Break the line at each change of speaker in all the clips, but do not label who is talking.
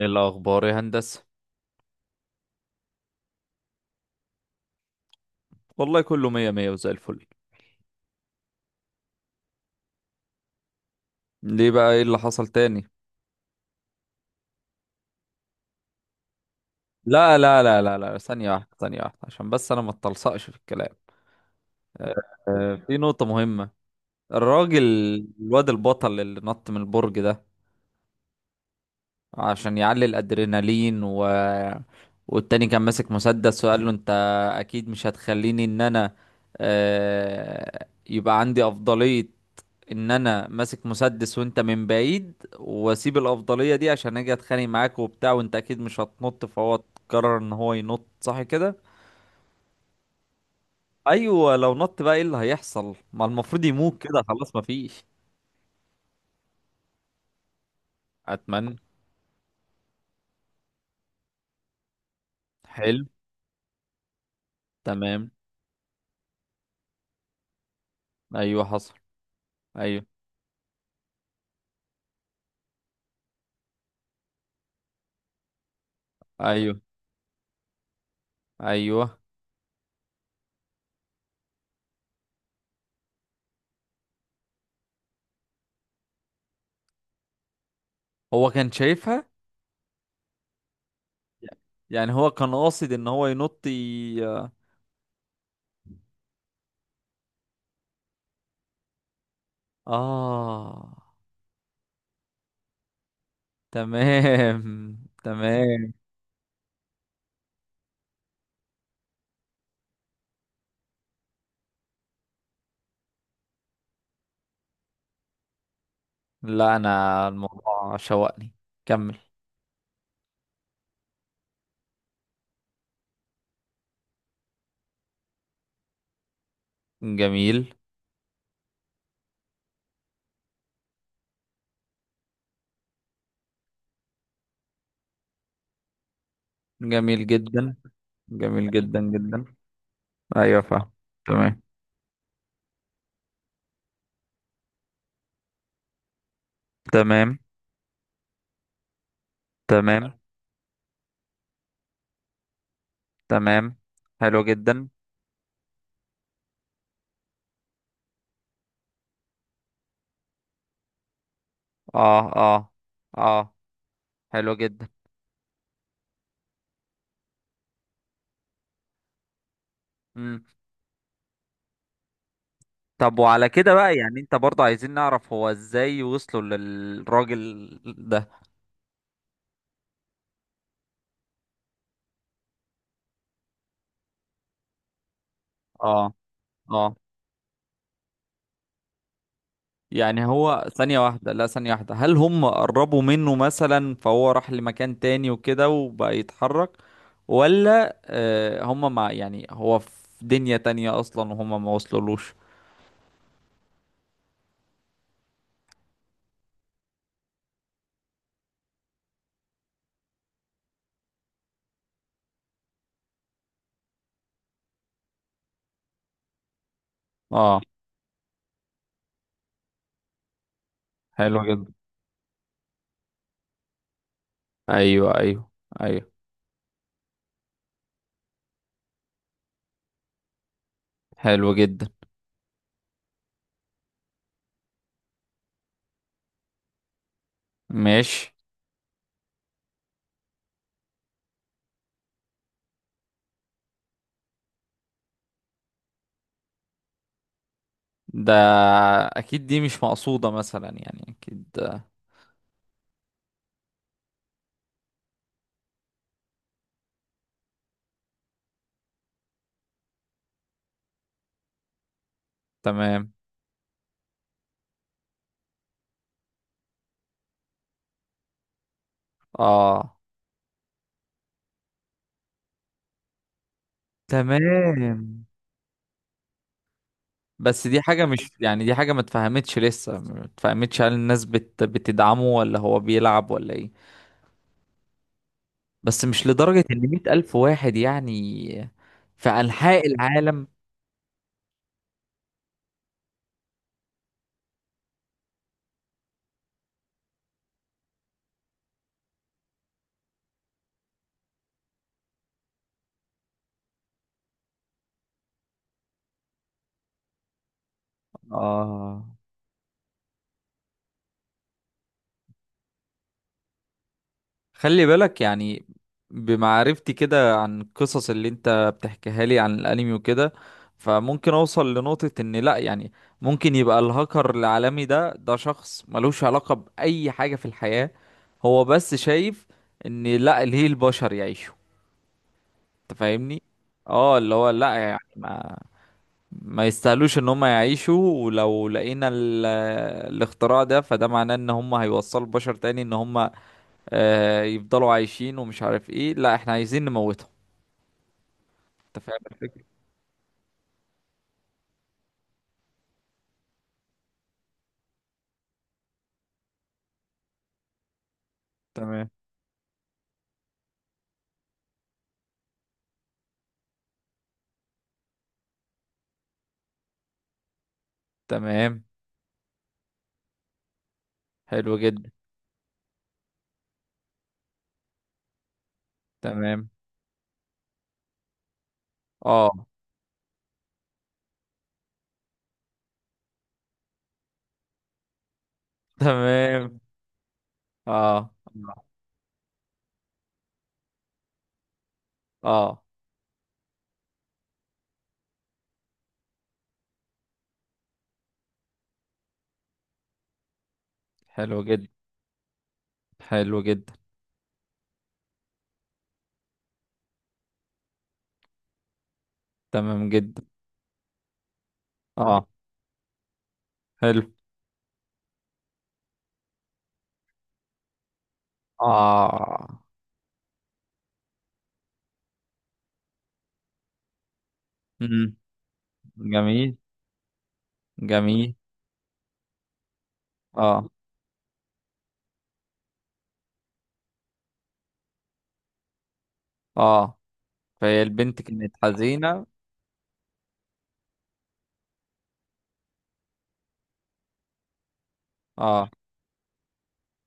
ايه الاخبار يا هندسه؟ والله كله مية مية وزي الفل. ليه بقى؟ ايه اللي حصل تاني؟ لا، لا، لا، لا، لا، ثانيه واحده، ثانيه واحده، عشان بس انا ما اتلصقش في الكلام. آه. في نقطه مهمه. الراجل الواد البطل اللي نط من البرج ده عشان يعلي الادرينالين والتاني كان ماسك مسدس، وقال له: انت اكيد مش هتخليني ان انا، يبقى عندي افضلية، ان انا ماسك مسدس وانت من بعيد، واسيب الافضلية دي عشان اجي اتخانق معاك وبتاع، وانت اكيد مش هتنط. فهو قرر ان هو ينط، صح كده؟ ايوه، لو نط بقى ايه اللي هيحصل؟ ما المفروض يموت كده، خلاص، مفيش. اتمنى. حلو. تمام. ايوه حصل. ايوه، ايوه، ايوه. هو كان شايفها؟ يعني هو كان قاصد ان هو ينط اه. تمام، تمام. لا، انا الموضوع شوقني. كمل. جميل. جميل جدا. جميل جدا جدا. ايوه، فاهم. تمام، تمام، تمام، تمام. حلو جدا. اه، اه، اه. حلو جدا. مم. طب وعلى كده بقى، يعني انت برضه عايزين نعرف هو ازاي وصلوا للراجل ده؟ اه، اه. يعني هو، ثانية واحدة، لا، ثانية واحدة، هل هم قربوا منه مثلا فهو راح لمكان تاني وكده وبقى يتحرك؟ ولا هم مع، يعني هو في دنيا تانية أصلا وهم ما وصلولوش؟ اه. حلو جدا. أيوه، أيوه، أيوه. حلو جدا. ماشي. ده أكيد دي مش مقصودة مثلا، يعني أكيد تمام. اه. تمام. بس دي حاجة، مش يعني دي حاجة ما اتفهمتش، لسه ما اتفهمتش. هل الناس بتدعمه ولا هو بيلعب ولا ايه؟ بس مش لدرجة ان 100,000 واحد يعني، في أنحاء العالم. آه. خلي بالك يعني، بمعرفتي كده عن القصص اللي انت بتحكيها لي عن الأنمي وكده، فممكن أوصل لنقطة ان لأ، يعني ممكن يبقى الهاكر العالمي ده شخص ملوش علاقة بأي حاجة في الحياة. هو بس شايف ان لأ، ليه البشر يعيشوا؟ انت فاهمني؟ اه، اللي هو لا، يعني ما يستاهلوش ان هم يعيشوا. ولو لقينا الاختراع ده، فده معناه ان هم هيوصلوا البشر تاني، ان هم يفضلوا عايشين ومش عارف ايه. لا، احنا عايزين نموتهم. انت فاهم الفكرة؟ تمام، تمام. حلو جدا. تمام. اه. تمام. اه، اه. حلو جدا. حلو جدا. تمام جدا. اه. حلو. اه. امم. جميل. جميل. اه، اه. فهي البنت كانت حزينة. اه.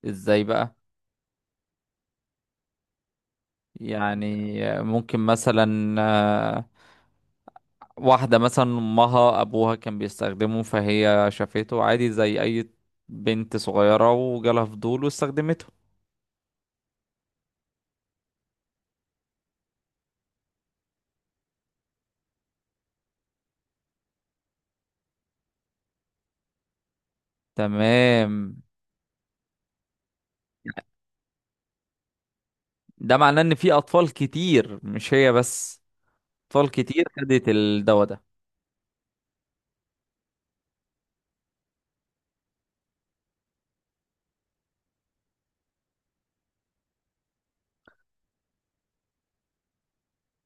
ازاي بقى؟ يعني ممكن مثلا واحدة مثلا امها ابوها كان بيستخدمه، فهي شافته عادي زي اي بنت صغيرة، وجالها فضول واستخدمته. تمام. ده معناه ان في اطفال كتير، مش هي بس. اطفال كتير خدت الدواء ده.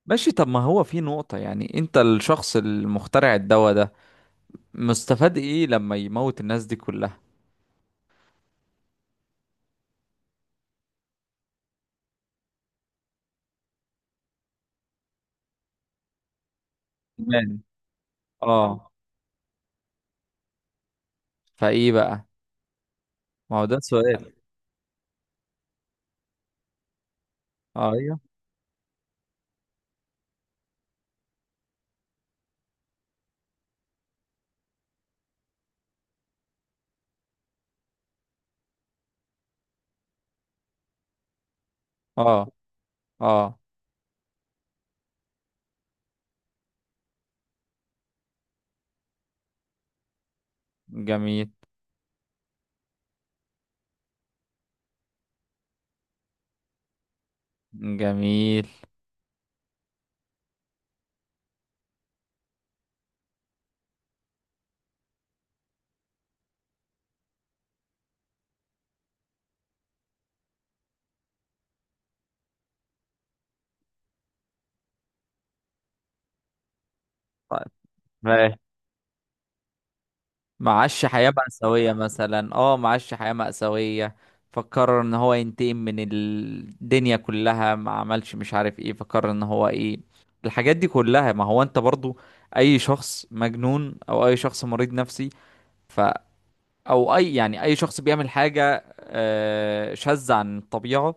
ماشي، طب ما هو في نقطة، يعني انت الشخص المخترع الدواء ده، مستفاد ايه لما يموت الناس دي كلها؟ تمام. اه. فايه بقى؟ ما هو ده سؤال. اه، ايوه. اه، اه. جميل. جميل. طيب. ماشي. معاش حياة مأساوية مثلا، معاش حياة مأساوية، فقرر ان هو ينتقم من الدنيا كلها، ما عملش مش عارف ايه، فقرر ان هو ايه الحاجات دي كلها. ما هو انت برضو، اي شخص مجنون او اي شخص مريض نفسي، ف او اي، يعني اي شخص بيعمل حاجة شاذة عن الطبيعة،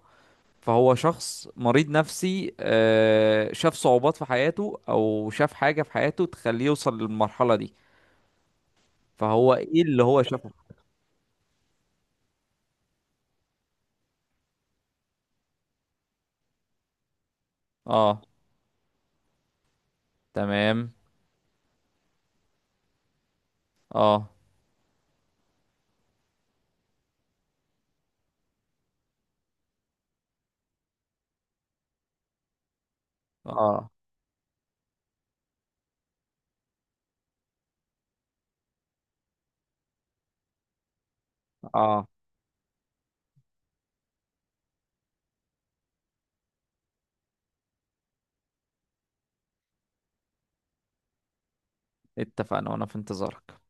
فهو شخص مريض نفسي. شاف صعوبات في حياته او شاف حاجة في حياته تخليه يوصل للمرحلة دي. فهو ايه اللي هو شافه؟ اه. تمام. اه، اه، اه. اتفقنا، وانا في انتظارك.